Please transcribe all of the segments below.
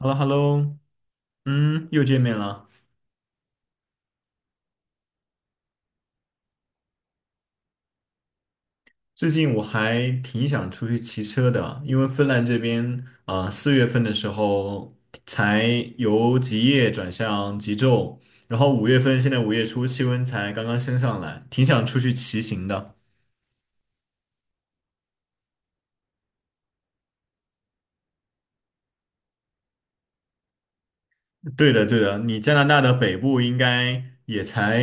h e l l o h e l l o 嗯，又见面了。最近我还挺想出去骑车的，因为芬兰这边啊，4月份的时候才由极夜转向极昼，然后5月份现在5月初气温才刚刚升上来，挺想出去骑行的。对的，对的，你加拿大的北部应该也才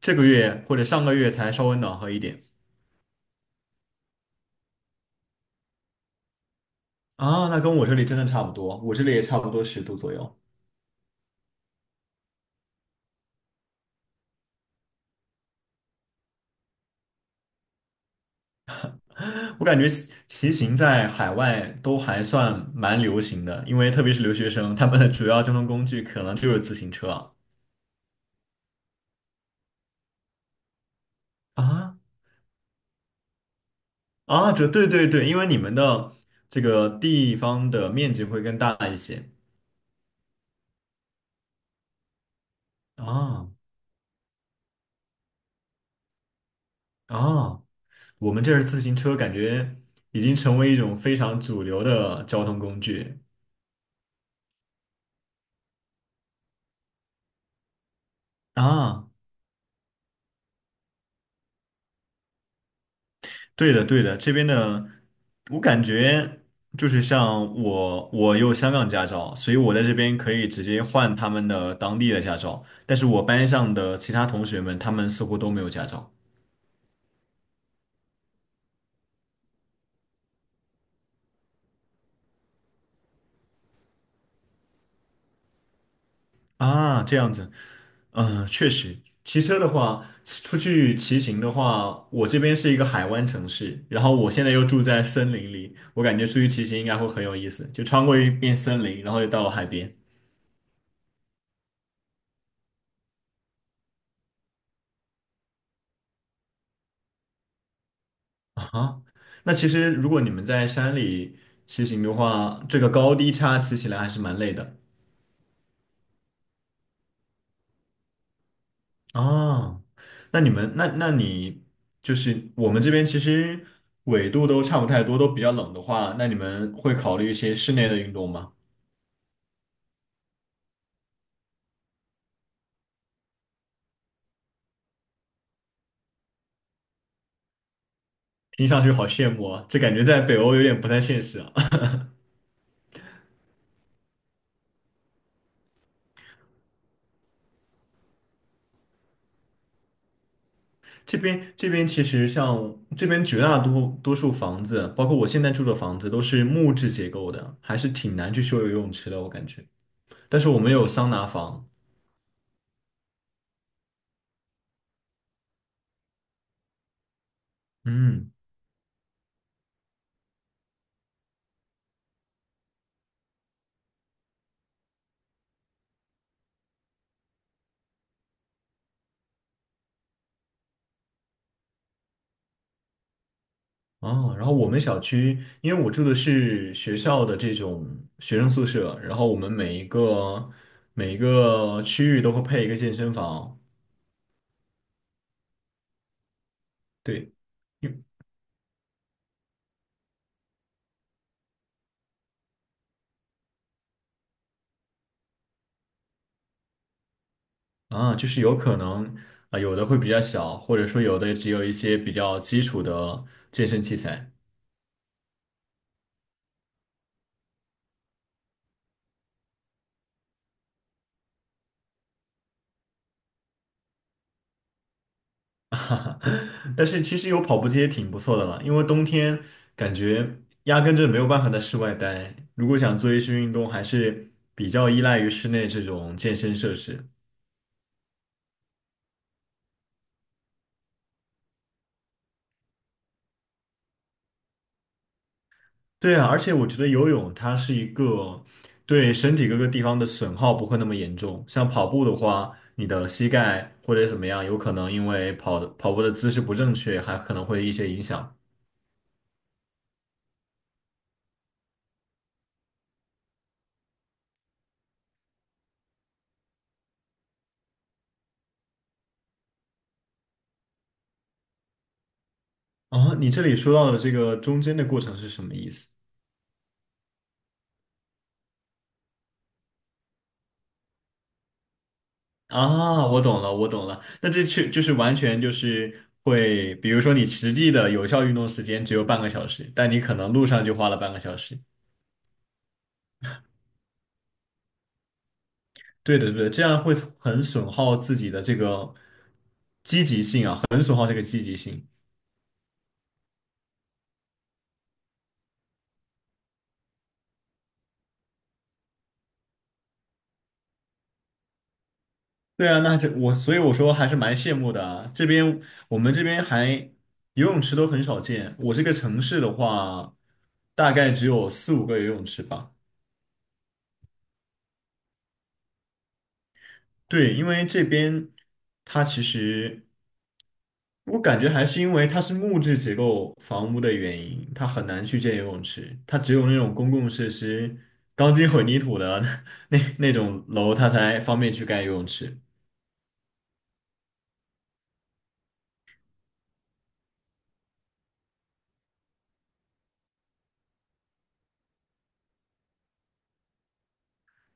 这个月或者上个月才稍微暖和一点。啊，那跟我这里真的差不多，我这里也差不多10度左右。我感觉骑行在海外都还算蛮流行的，因为特别是留学生，他们的主要交通工具可能就是自行车啊。啊啊，这对对对，因为你们的这个地方的面积会更大一些。啊啊，我们这儿自行车感觉已经成为一种非常主流的交通工具。啊。对的，对的，这边的我感觉就是像我有香港驾照，所以我在这边可以直接换他们的当地的驾照。但是我班上的其他同学们，他们似乎都没有驾照。啊，这样子，嗯、确实，骑车的话，出去骑行的话，我这边是一个海湾城市，然后我现在又住在森林里，我感觉出去骑行应该会很有意思，就穿过一片森林，然后就到了海边。啊哈，那其实如果你们在山里骑行的话，这个高低差骑起来还是蛮累的。啊。那你们，那你就是我们这边其实纬度都差不太多，都比较冷的话，那你们会考虑一些室内的运动吗？听上去好羡慕啊，这感觉在北欧有点不太现实啊。这边其实像这边绝大多数房子，包括我现在住的房子，都是木质结构的，还是挺难去修游泳池的，我感觉。但是我们有桑拿房。嗯，哦，然后我们小区，因为我住的是学校的这种学生宿舍，然后我们每一个区域都会配一个健身房，对，因啊，就是有可能啊，有的会比较小，或者说有的只有一些比较基础的健身器材，哈哈，但是其实有跑步机也挺不错的了，因为冬天感觉压根就没有办法在室外待，如果想做一些运动，还是比较依赖于室内这种健身设施。对啊，而且我觉得游泳它是一个对身体各个地方的损耗不会那么严重。像跑步的话，你的膝盖或者怎么样，有可能因为跑步的姿势不正确，还可能会一些影响。啊，你这里说到的这个中间的过程是什么意思？啊，我懂了，我懂了。那这确就是完全就是会，比如说你实际的有效运动时间只有半个小时，但你可能路上就花了半个小时。对的，对的，这样会很损耗自己的这个积极性啊。对啊，那这我所以我说还是蛮羡慕的啊。这边我们这边还游泳池都很少见，我这个城市的话，大概只有四五个游泳池吧。对，因为这边它其实我感觉还是因为它是木质结构房屋的原因，它很难去建游泳池，它只有那种公共设施钢筋混凝土的 那种楼，它才方便去盖游泳池。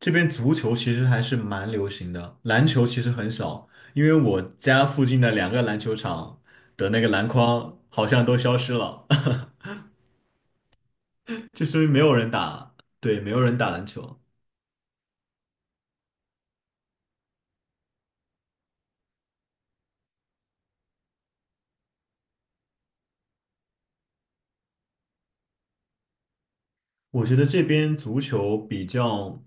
这边足球其实还是蛮流行的，篮球其实很少，因为我家附近的两个篮球场的那个篮筐好像都消失了，就说明没有人打，对，没有人打篮球。我觉得这边足球比较，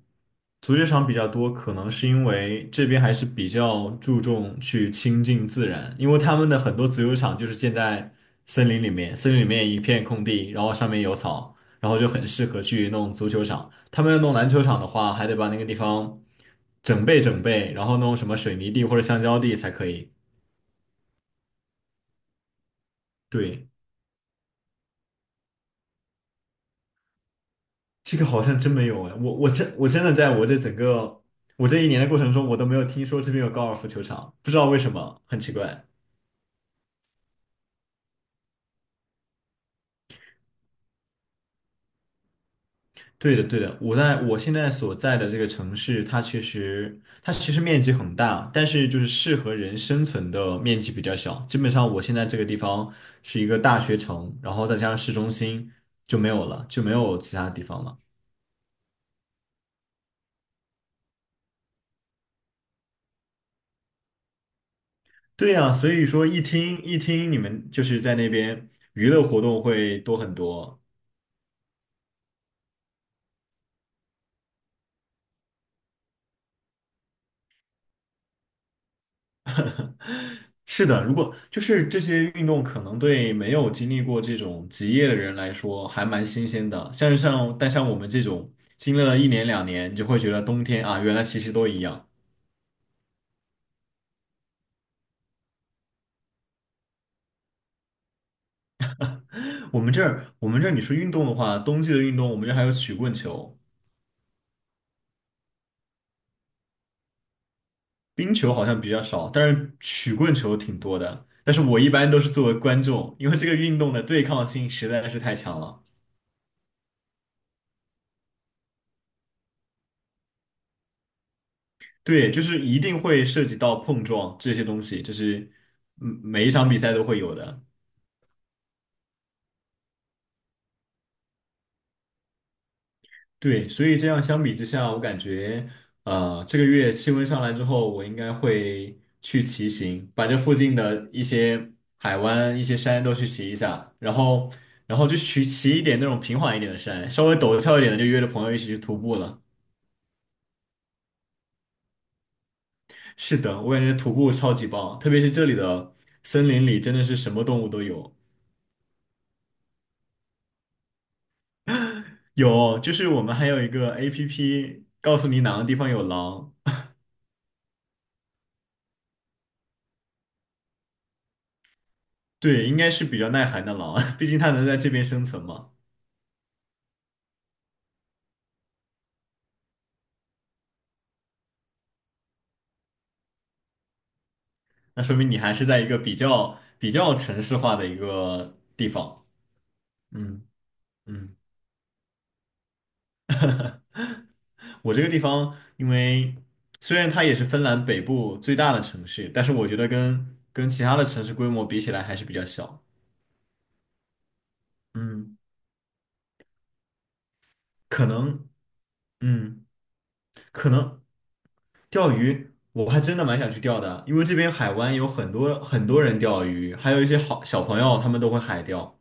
足球场比较多，可能是因为这边还是比较注重去亲近自然，因为他们的很多足球场就是建在森林里面，森林里面一片空地，然后上面有草，然后就很适合去弄足球场。他们要弄篮球场的话，还得把那个地方整备整备，然后弄什么水泥地或者橡胶地才可以。对。这个好像真没有哎，我真的在我这整个我这一年的过程中，我都没有听说这边有高尔夫球场，不知道为什么，很奇怪。对的，对的，我在我现在所在的这个城市，它其实面积很大，但是就是适合人生存的面积比较小。基本上我现在这个地方是一个大学城，然后再加上市中心就没有了，就没有其他地方了。对呀，所以说一听一听你们就是在那边娱乐活动会多很多，是的，如果就是这些运动，可能对没有经历过这种职业的人来说还蛮新鲜的。像是像，但像我们这种经历了一年两年，你就会觉得冬天啊，原来其实都一样。我们这儿你说运动的话，冬季的运动，我们这儿还有曲棍球、冰球好像比较少，但是曲棍球挺多的。但是我一般都是作为观众，因为这个运动的对抗性实在是太强了。对，就是一定会涉及到碰撞这些东西，就是每一场比赛都会有的。对，所以这样相比之下，我感觉，这个月气温上来之后，我应该会去骑行，把这附近的一些海湾、一些山都去骑一下，然后就去骑一点那种平缓一点的山，稍微陡峭一点的，就约着朋友一起去徒步了。是的，我感觉徒步超级棒，特别是这里的森林里真的是什么动物都有，有，就是我们还有一个 APP 告诉你哪个地方有狼，对，应该是比较耐寒的狼，毕竟它能在这边生存嘛。那说明你还是在一个比较城市化的一个地方。嗯嗯，我这个地方，因为虽然它也是芬兰北部最大的城市，但是我觉得跟其他的城市规模比起来还是比较小。嗯，可能，嗯，可能钓鱼，我还真的蛮想去钓的，因为这边海湾有很多很多人钓鱼，还有一些好小朋友他们都会海钓。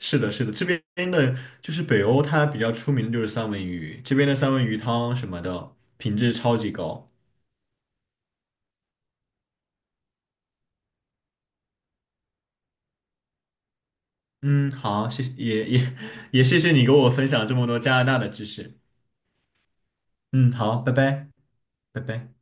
是的，是的，这边的就是北欧，它比较出名的就是三文鱼，这边的三文鱼汤什么的，品质超级高。嗯，好，谢谢，也谢谢你给我分享这么多加拿大的知识。嗯，好，拜拜，拜拜。